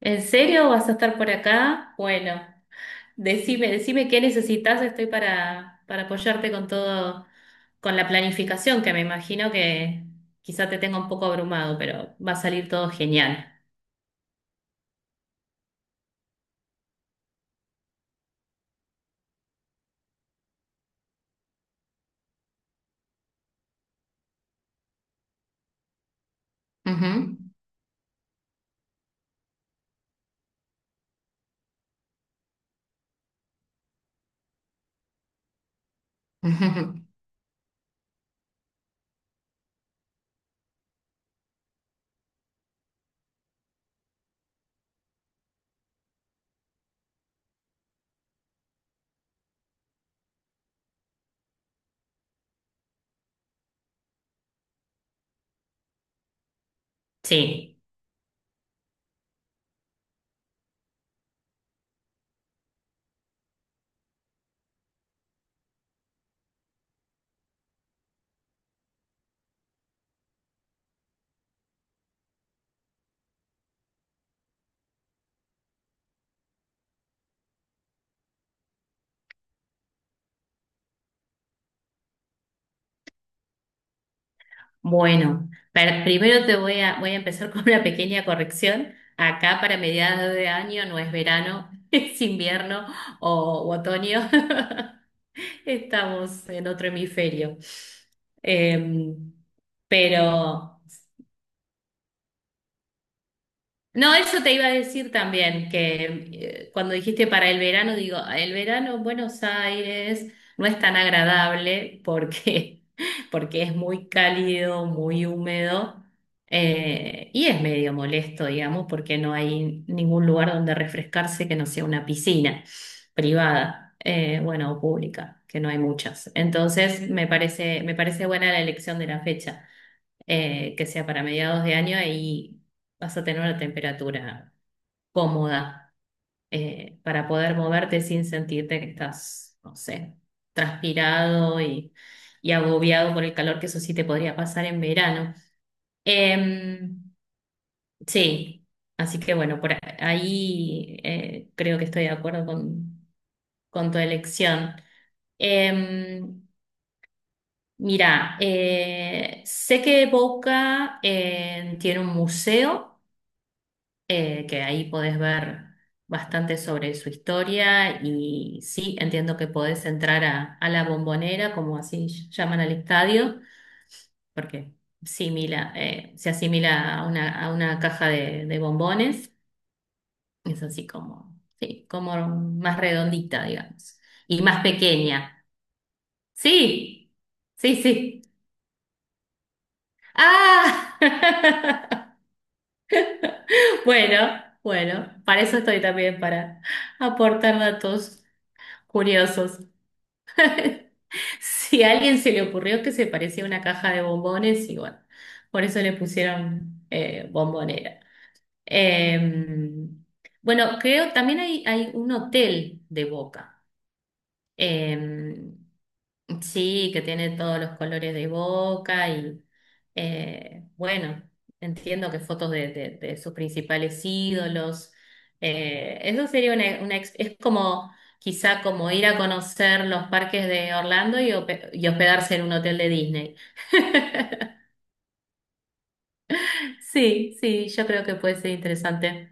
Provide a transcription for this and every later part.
¿En serio vas a estar por acá? Bueno, decime qué necesitas. Estoy para apoyarte con todo, con la planificación, que me imagino que quizá te tenga un poco abrumado, pero va a salir todo genial. Ujú. Sí. Bueno, primero voy a empezar con una pequeña corrección. Acá para mediados de año no es verano, es invierno u otoño. Estamos en otro hemisferio. Em, pero no, eso te iba a decir también, que cuando dijiste para el verano, digo, el verano en Buenos Aires no es tan agradable porque, porque es muy cálido, muy húmedo, y es medio molesto, digamos, porque no hay ningún lugar donde refrescarse que no sea una piscina privada, bueno, o pública, que no hay muchas. Entonces, me parece buena la elección de la fecha, que sea para mediados de año, y vas a tener una temperatura cómoda, para poder moverte sin sentirte que estás, no sé, transpirado y agobiado por el calor, que eso sí te podría pasar en verano. Em, sí, así que bueno, por ahí, creo que estoy de acuerdo con tu elección. Em, Mira, sé que Boca tiene un museo, que ahí podés ver bastante sobre su historia. Y sí, entiendo que podés entrar a la Bombonera, como así llaman al estadio, porque se asimila a una caja de bombones. Es así como, sí, como más redondita, digamos, y más pequeña. Sí, sí, sí. Ah, bueno, bueno, para eso estoy también, para aportar datos curiosos. Si a alguien se le ocurrió que se parecía a una caja de bombones, y bueno, por eso le pusieron bombonera. Eh, bueno, creo también hay un hotel de Boca. Eh, Sí, que tiene todos los colores de Boca y, bueno, entiendo que fotos de sus principales ídolos. Eso sería es como quizá como ir a conocer los parques de Orlando y hospedarse en un hotel de Disney. Sí, sí, yo creo que puede ser interesante.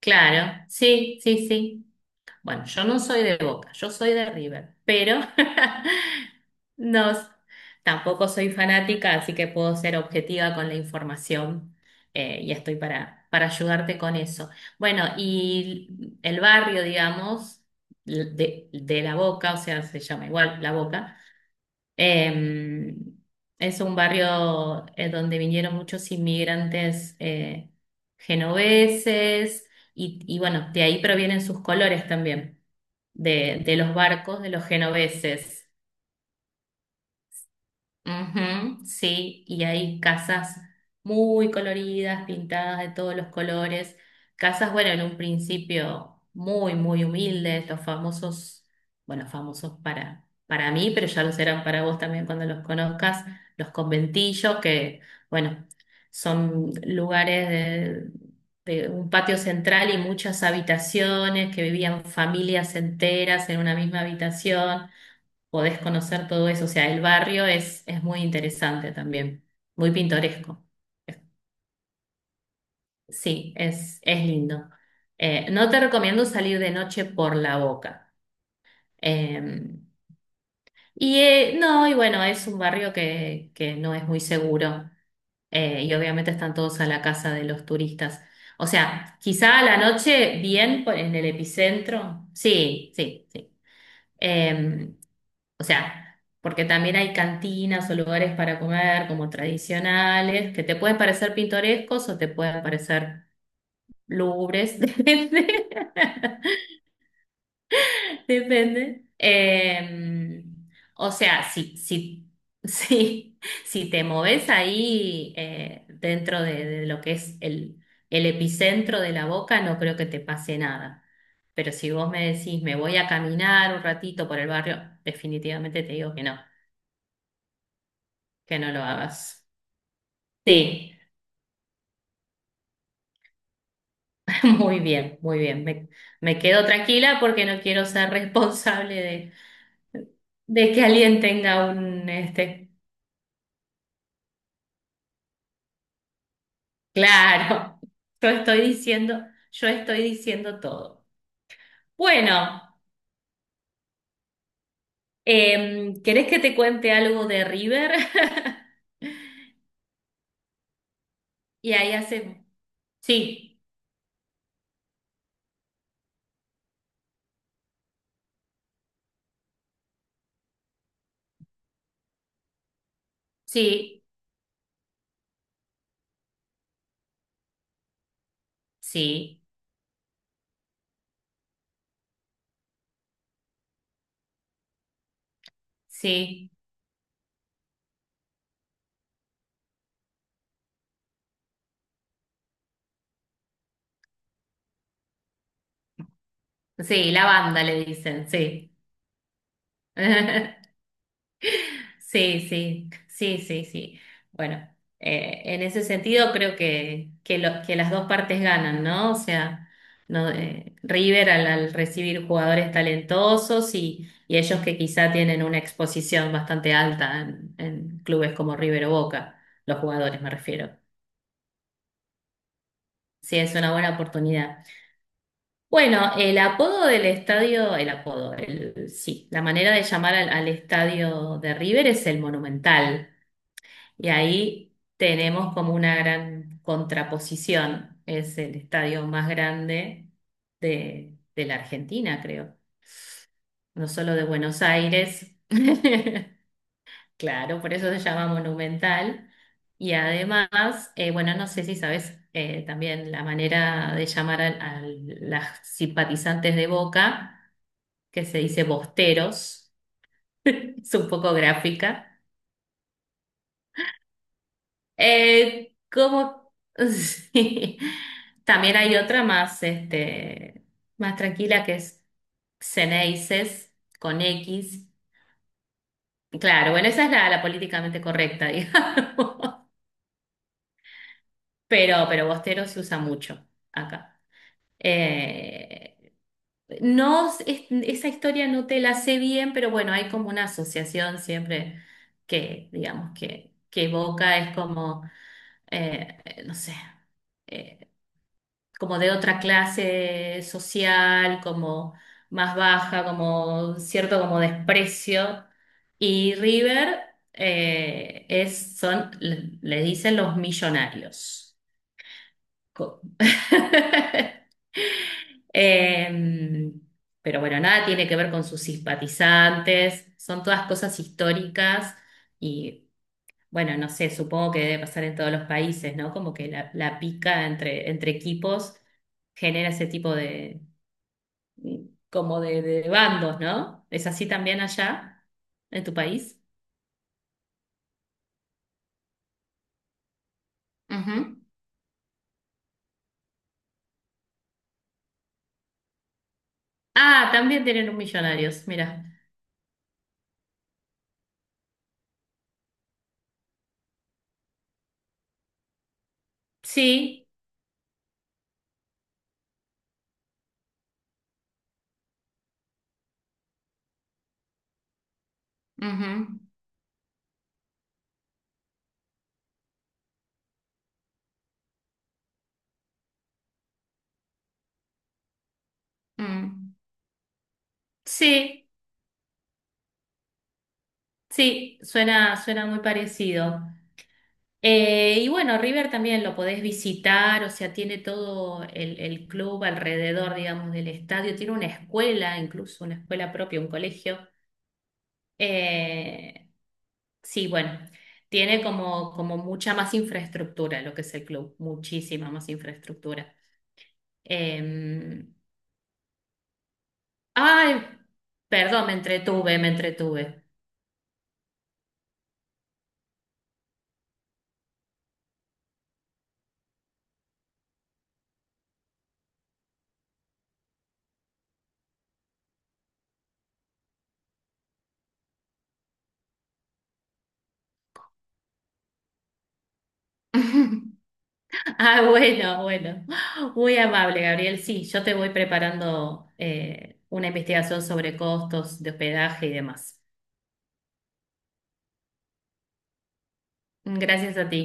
Claro, sí, sí, sí. Bueno, yo no soy de Boca, yo soy de River, pero no, tampoco soy fanática, así que puedo ser objetiva con la información, y estoy para ayudarte con eso. Bueno, y el barrio, digamos, de La Boca, o sea, se llama igual La Boca, eh, es un barrio donde vinieron muchos inmigrantes, genoveses, y bueno, de ahí provienen sus colores también de los barcos de los genoveses. Ujú, sí, y hay casas muy coloridas, pintadas de todos los colores. Casas, bueno, en un principio muy, muy humildes, los famosos, bueno, famosos para mí, pero ya los serán para vos también cuando los conozcas, los conventillos, que, bueno, son lugares de un patio central y muchas habitaciones que vivían familias enteras en una misma habitación. Podés conocer todo eso. O sea, el barrio es muy interesante también, muy pintoresco. Sí, es lindo. No te recomiendo salir de noche por la Boca. Eh, no, y bueno, es un barrio que no es muy seguro. Y obviamente están todos a la casa de los turistas. O sea, quizá a la noche bien en el epicentro. Sí, sí, sí. Eh, O sea, porque también hay cantinas o lugares para comer como tradicionales, que te pueden parecer pintorescos o te pueden parecer lúgubres, depende, depende. O sea, si, si, si, si te moves ahí, dentro de lo que es el epicentro de la Boca, no creo que te pase nada. Pero si vos me decís, me voy a caminar un ratito por el barrio, definitivamente te digo que no lo hagas. Sí. Muy bien, muy bien. Me quedo tranquila porque no quiero ser responsable de que alguien tenga un, este, claro, yo estoy diciendo, yo estoy diciendo todo. Bueno, ¿querés que te cuente algo de River? Y ahí hacemos. Sí, sí, sí, sí, sí, la banda le dicen, sí. Sí, sí, sí, sí, sí. Bueno, en ese sentido creo que las dos partes ganan, ¿no? O sea, no, River al recibir jugadores talentosos, y ellos que quizá tienen una exposición bastante alta en clubes como River o Boca, los jugadores me refiero. Sí, es una buena oportunidad. Bueno, el apodo del estadio, el apodo, el, sí, la manera de llamar al estadio de River es el Monumental. Y ahí tenemos como una gran contraposición. Es el estadio más grande de la Argentina, creo. No solo de Buenos Aires. Claro, por eso se llama Monumental. Y además, bueno, no sé si sabes, también la manera de llamar las simpatizantes de Boca, que se dice bosteros. Es un poco gráfica. Como sí. También hay otra más, este, más tranquila que es Xeneices con X. Claro, bueno, esa es la, la políticamente correcta, digamos. Pero Bostero se usa mucho acá. Eh, no, esa historia no te la sé bien, pero bueno, hay como una asociación siempre que, digamos, que evoca, es como, no sé, eh, como de otra clase social, como más baja, como cierto como desprecio. Y River, es, son, le dicen los millonarios. Co- Eh, pero bueno, nada tiene que ver con sus simpatizantes, son todas cosas históricas, y bueno, no sé, supongo que debe pasar en todos los países, ¿no? Como que la pica entre equipos genera ese tipo de, como de bandos, ¿no? ¿Es así también allá, en tu país? Ujú. Ah, también tienen un millonarios, mira. Sí, ujú, mm, sí, sí, suena, suena muy parecido. Y bueno, River también lo podés visitar, o sea, tiene todo el club alrededor, digamos, del estadio, tiene una escuela, incluso una escuela propia, un colegio. Eh, sí, bueno, tiene como, como mucha más infraestructura lo que es el club, muchísima más infraestructura. Eh, Ay, perdón, me entretuve, me entretuve. Ah, bueno, bueno. Muy amable, Gabriel. Sí, yo te voy preparando, una investigación sobre costos de hospedaje y demás. Gracias a ti.